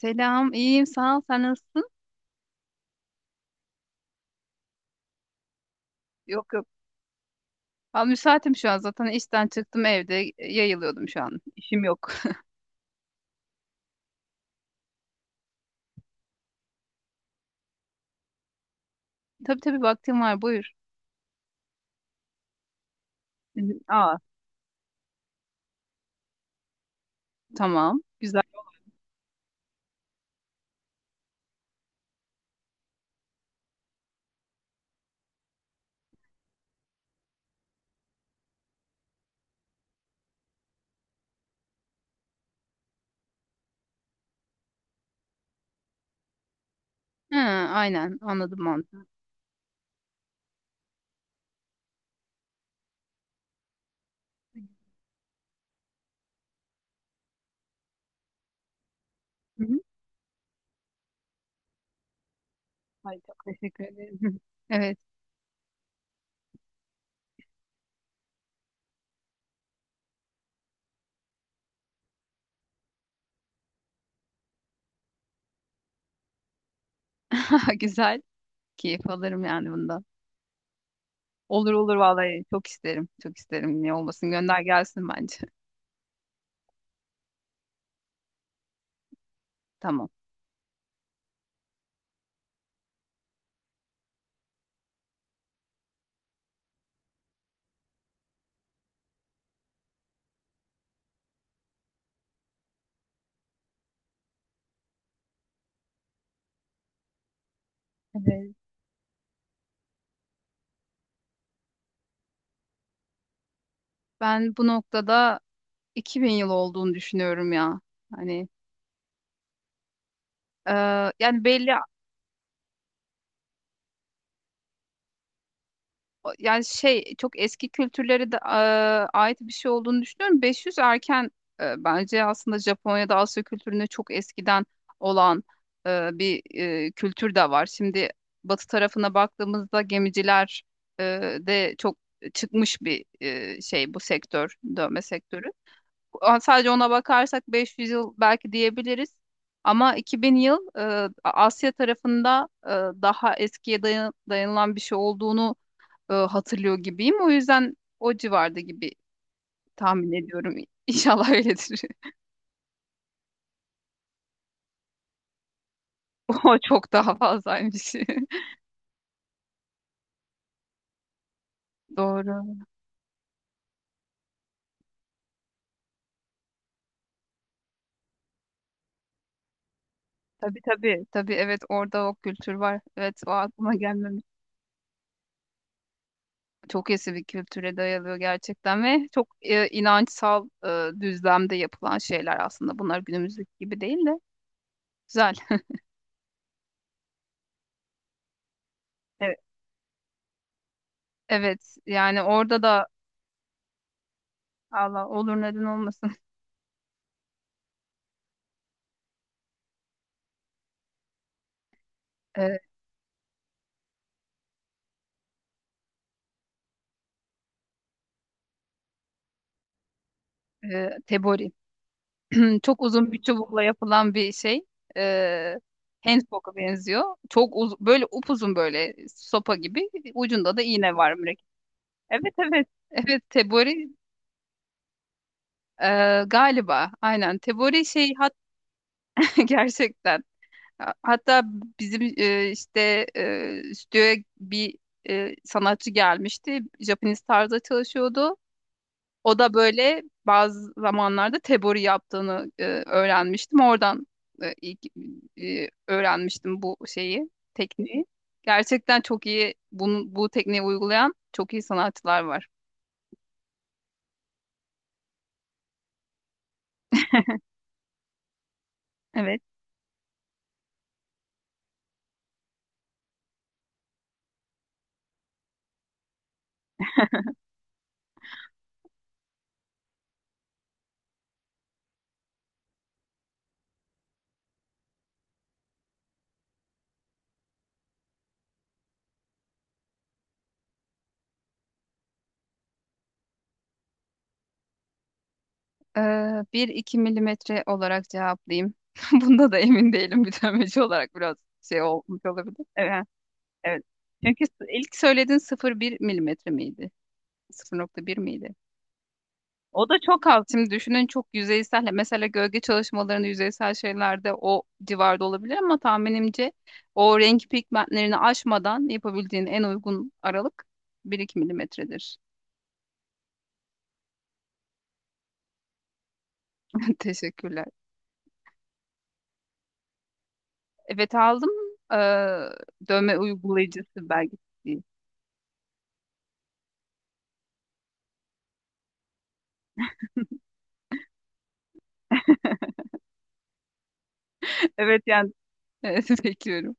Selam, iyiyim, sağ ol. Sen nasılsın? Yok yok. Ben müsaitim şu an zaten işten çıktım evde yayılıyordum şu an. İşim yok. Tabii tabii vaktim var buyur. Hı hı. Aa tamam güzel. Ha, aynen anladım mantığı. Hı hı. Ay çok teşekkür ederim. Evet güzel. Keyif alırım yani bundan. Olur olur vallahi çok isterim. Çok isterim. Niye olmasın gönder gelsin bence. Tamam. Evet. Ben bu noktada 2000 yıl olduğunu düşünüyorum ya. Hani e, yani belli yani şey çok eski kültürlere de ait bir şey olduğunu düşünüyorum. 500 erken bence aslında Japonya'da Asya kültüründe çok eskiden olan bir kültür de var. Şimdi batı tarafına baktığımızda gemiciler e, de çok çıkmış bir şey bu sektör, dövme sektörü. Sadece ona bakarsak 500 yıl belki diyebiliriz. Ama 2000 yıl Asya tarafında daha eskiye dayanılan bir şey olduğunu hatırlıyor gibiyim. O yüzden o civarda gibi tahmin ediyorum. İnşallah öyledir. O çok daha fazlaymış. Doğru. Tabii tabii. Tabii evet orada o kültür var. Evet o aklıma gelmemiş. Çok eski bir kültüre dayalıyor gerçekten ve çok inançsal düzlemde yapılan şeyler aslında. Bunlar günümüzdeki gibi değil de güzel. Evet, evet yani orada da Allah olur neden olmasın. E, Tebori. Çok uzun bir çubukla yapılan bir şey. Ee, Handpoke'a benziyor. Çok böyle upuzun böyle sopa gibi. Ucunda da iğne var mürekkep. Evet evet. Evet tebori galiba. Aynen tebori şey gerçekten. Hatta bizim işte stüdyoya bir sanatçı gelmişti. Japanese tarzda çalışıyordu. O da böyle bazı zamanlarda tebori yaptığını öğrenmiştim. Oradan e, ilk, öğrenmiştim bu şeyi, tekniği. Gerçekten çok iyi bunu, bu tekniği uygulayan çok iyi sanatçılar var. Evet. Ee, 1-2 milimetre olarak cevaplayayım. Bunda da emin değilim. Bütünlemeci olarak biraz şey olmuş olabilir. Evet. Evet. Çünkü ilk söylediğin 0,1 milimetre miydi? 0,1 miydi? O da çok az. Şimdi düşünün çok yüzeysel. Mesela gölge çalışmalarında yüzeysel şeylerde o civarda olabilir ama tahminimce o renk pigmentlerini aşmadan yapabildiğin en uygun aralık 1-2 milimetredir. Teşekkürler. Evet aldım. Ee, Dövme uygulayıcısı belgesi. Evet yani evet, bekliyorum.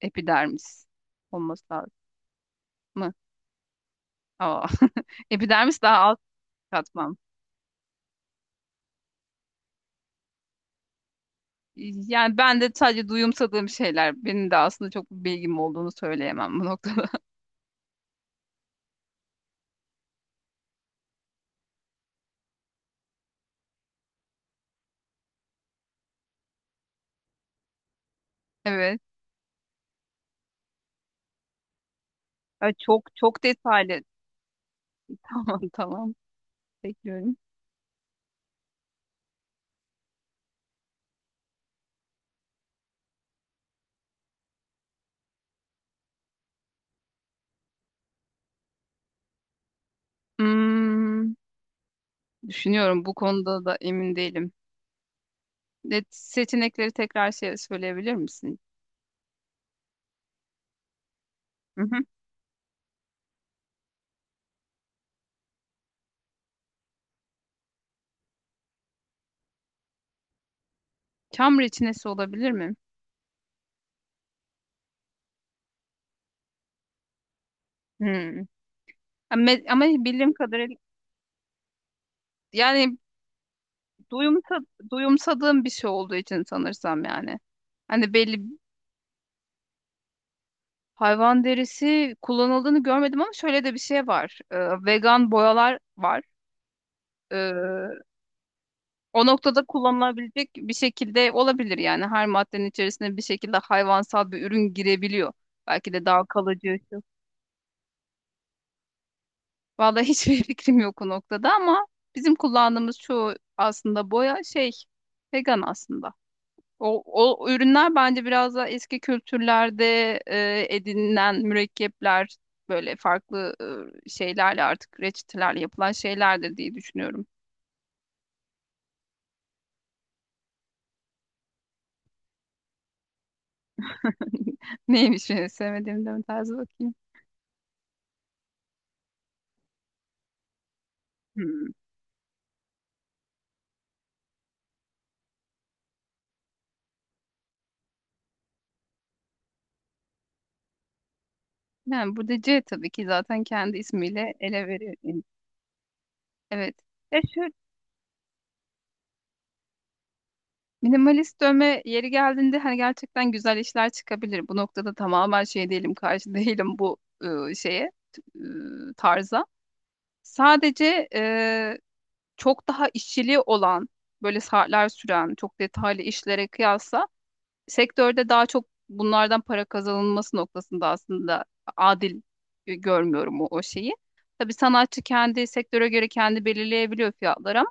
Epidermis olması lazım mı? Aa. Epidermis daha alt katman. Yani ben de sadece duyumsadığım şeyler. Benim de aslında çok bir bilgim olduğunu söyleyemem bu noktada. Evet. Ay, çok çok detaylı. Tamam tamam. Bekliyorum. Hmm, düşünüyorum bu konuda da emin değilim. Net seçenekleri tekrar şey söyleyebilir misin? Hı hı. Çam reçinesi olabilir mi? Hmm. Ama bildiğim kadarıyla yani duyumsa, duyumsadığım bir şey olduğu için sanırsam yani. Hani belli hayvan derisi kullanıldığını görmedim ama şöyle de bir şey var. Vegan boyalar var. Ee, O noktada kullanılabilecek bir şekilde olabilir yani. Her maddenin içerisine bir şekilde hayvansal bir ürün girebiliyor. Belki de daha kalıcı. Şu. Vallahi hiçbir fikrim yok o noktada ama bizim kullandığımız çoğu aslında boya şey vegan aslında. O, o ürünler bence biraz daha eski kültürlerde edinilen mürekkepler böyle farklı şeylerle artık reçetelerle yapılan şeylerdir diye düşünüyorum. Neymiş benim sevmediğim de tarzı bakayım. Hmm. Yani burada C tabii ki zaten kendi ismiyle ele veriyor. Evet. Şu minimalist dövme yeri geldiğinde hani gerçekten güzel işler çıkabilir. Bu noktada tamamen şey değilim, karşı değilim bu e, şeye, t- tarza. Sadece çok daha işçiliği olan, böyle saatler süren, çok detaylı işlere kıyasla sektörde daha çok bunlardan para kazanılması noktasında aslında adil görmüyorum o şeyi. Tabii sanatçı kendi sektöre göre kendi belirleyebiliyor fiyatları ama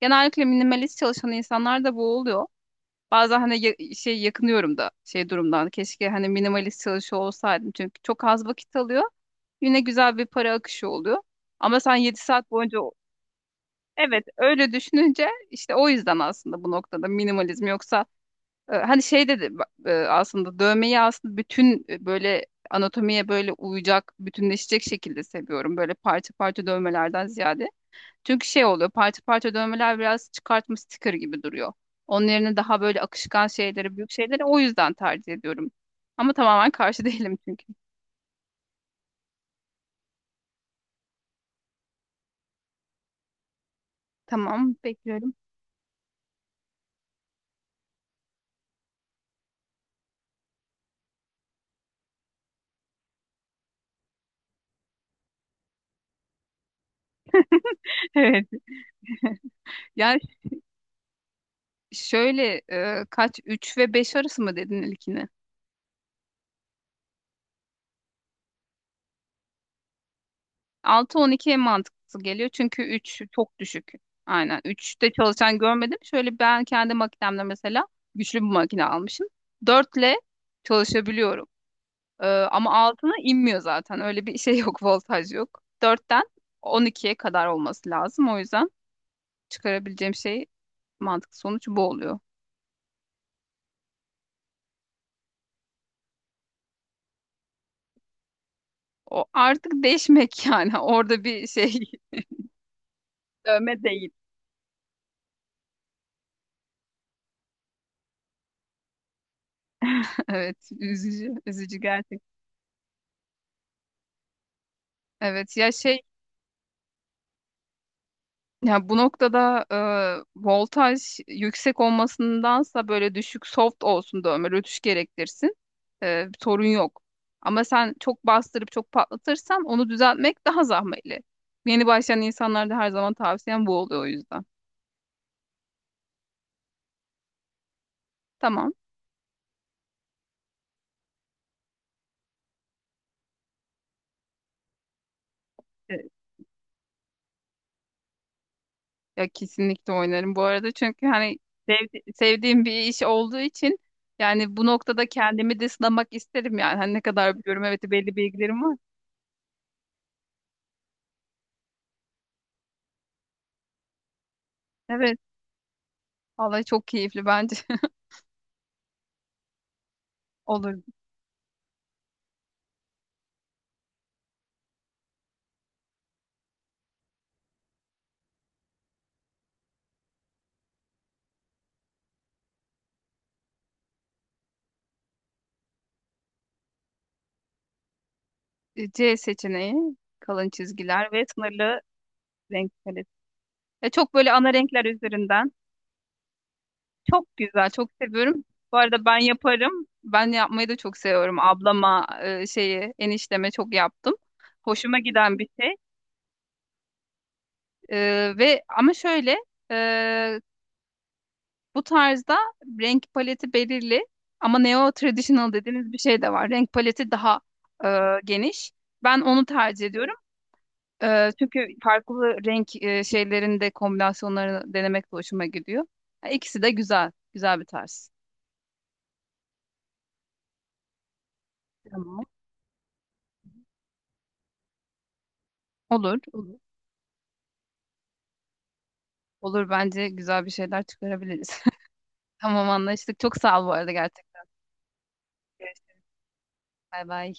genellikle minimalist çalışan insanlar da bu oluyor. Bazen hani şey yakınıyorum da şey durumdan. Keşke hani minimalist çalışıyor olsaydım. Çünkü çok az vakit alıyor. Yine güzel bir para akışı oluyor. Ama sen 7 saat boyunca evet, öyle düşününce işte o yüzden aslında bu noktada minimalizm yoksa hani şey dedi aslında dövmeyi aslında bütün böyle anatomiye böyle uyacak, bütünleşecek şekilde seviyorum. Böyle parça parça dövmelerden ziyade. Çünkü şey oluyor parça parça dövmeler biraz çıkartma sticker gibi duruyor. Onun yerine daha böyle akışkan şeyleri, büyük şeyleri o yüzden tercih ediyorum. Ama tamamen karşı değilim çünkü. Tamam, bekliyorum. Evet. Yani şöyle kaç 3 ve 5 arası mı dedin ilkini? 6-12 en mantıklısı geliyor çünkü 3 çok düşük. Aynen 3'te çalışan görmedim. Şöyle ben kendi makinemde mesela güçlü bir makine almışım. 4'le çalışabiliyorum. Ama altına inmiyor zaten. Öyle bir şey yok, voltaj yok. 4'ten 12'ye kadar olması lazım. O yüzden çıkarabileceğim şey mantıklı sonuç bu oluyor. O artık değişmek yani orada bir şey dövme değil. Evet üzücü üzücü gerçek. Evet ya ya bu noktada voltaj yüksek olmasındansa böyle düşük soft olsun da ömür ötüş gerektirsin. Sorun yok. Ama sen çok bastırıp çok patlatırsan onu düzeltmek daha zahmetli. Yeni başlayan insanlarda her zaman tavsiyem bu oluyor o yüzden. Tamam. Evet. Ya kesinlikle oynarım bu arada çünkü hani sevdiğim bir iş olduğu için yani bu noktada kendimi de sınamak isterim yani. Hani ne kadar biliyorum evet belli bilgilerim var. Evet. Vallahi çok keyifli bence. Olur. C seçeneği kalın çizgiler ve sınırlı renk paleti. Çok böyle ana renkler üzerinden. Çok güzel, çok seviyorum. Bu arada ben yaparım. Ben yapmayı da çok seviyorum. Ablama şeyi, enişteme çok yaptım. Hoşuma giden bir şey. E, Ve ama şöyle e, bu tarzda renk paleti belirli ama neo traditional dediğiniz bir şey de var. Renk paleti daha e, geniş. Ben onu tercih ediyorum. Çünkü farklı renk şeylerinde kombinasyonlarını denemek de hoşuma gidiyor. Ha, İkisi de güzel. Güzel bir tarz. Tamam. Olur. Olur. Olur bence güzel bir şeyler çıkarabiliriz. Tamam anlaştık. Çok sağ ol bu arada gerçekten. Görüşürüz. Bay bay.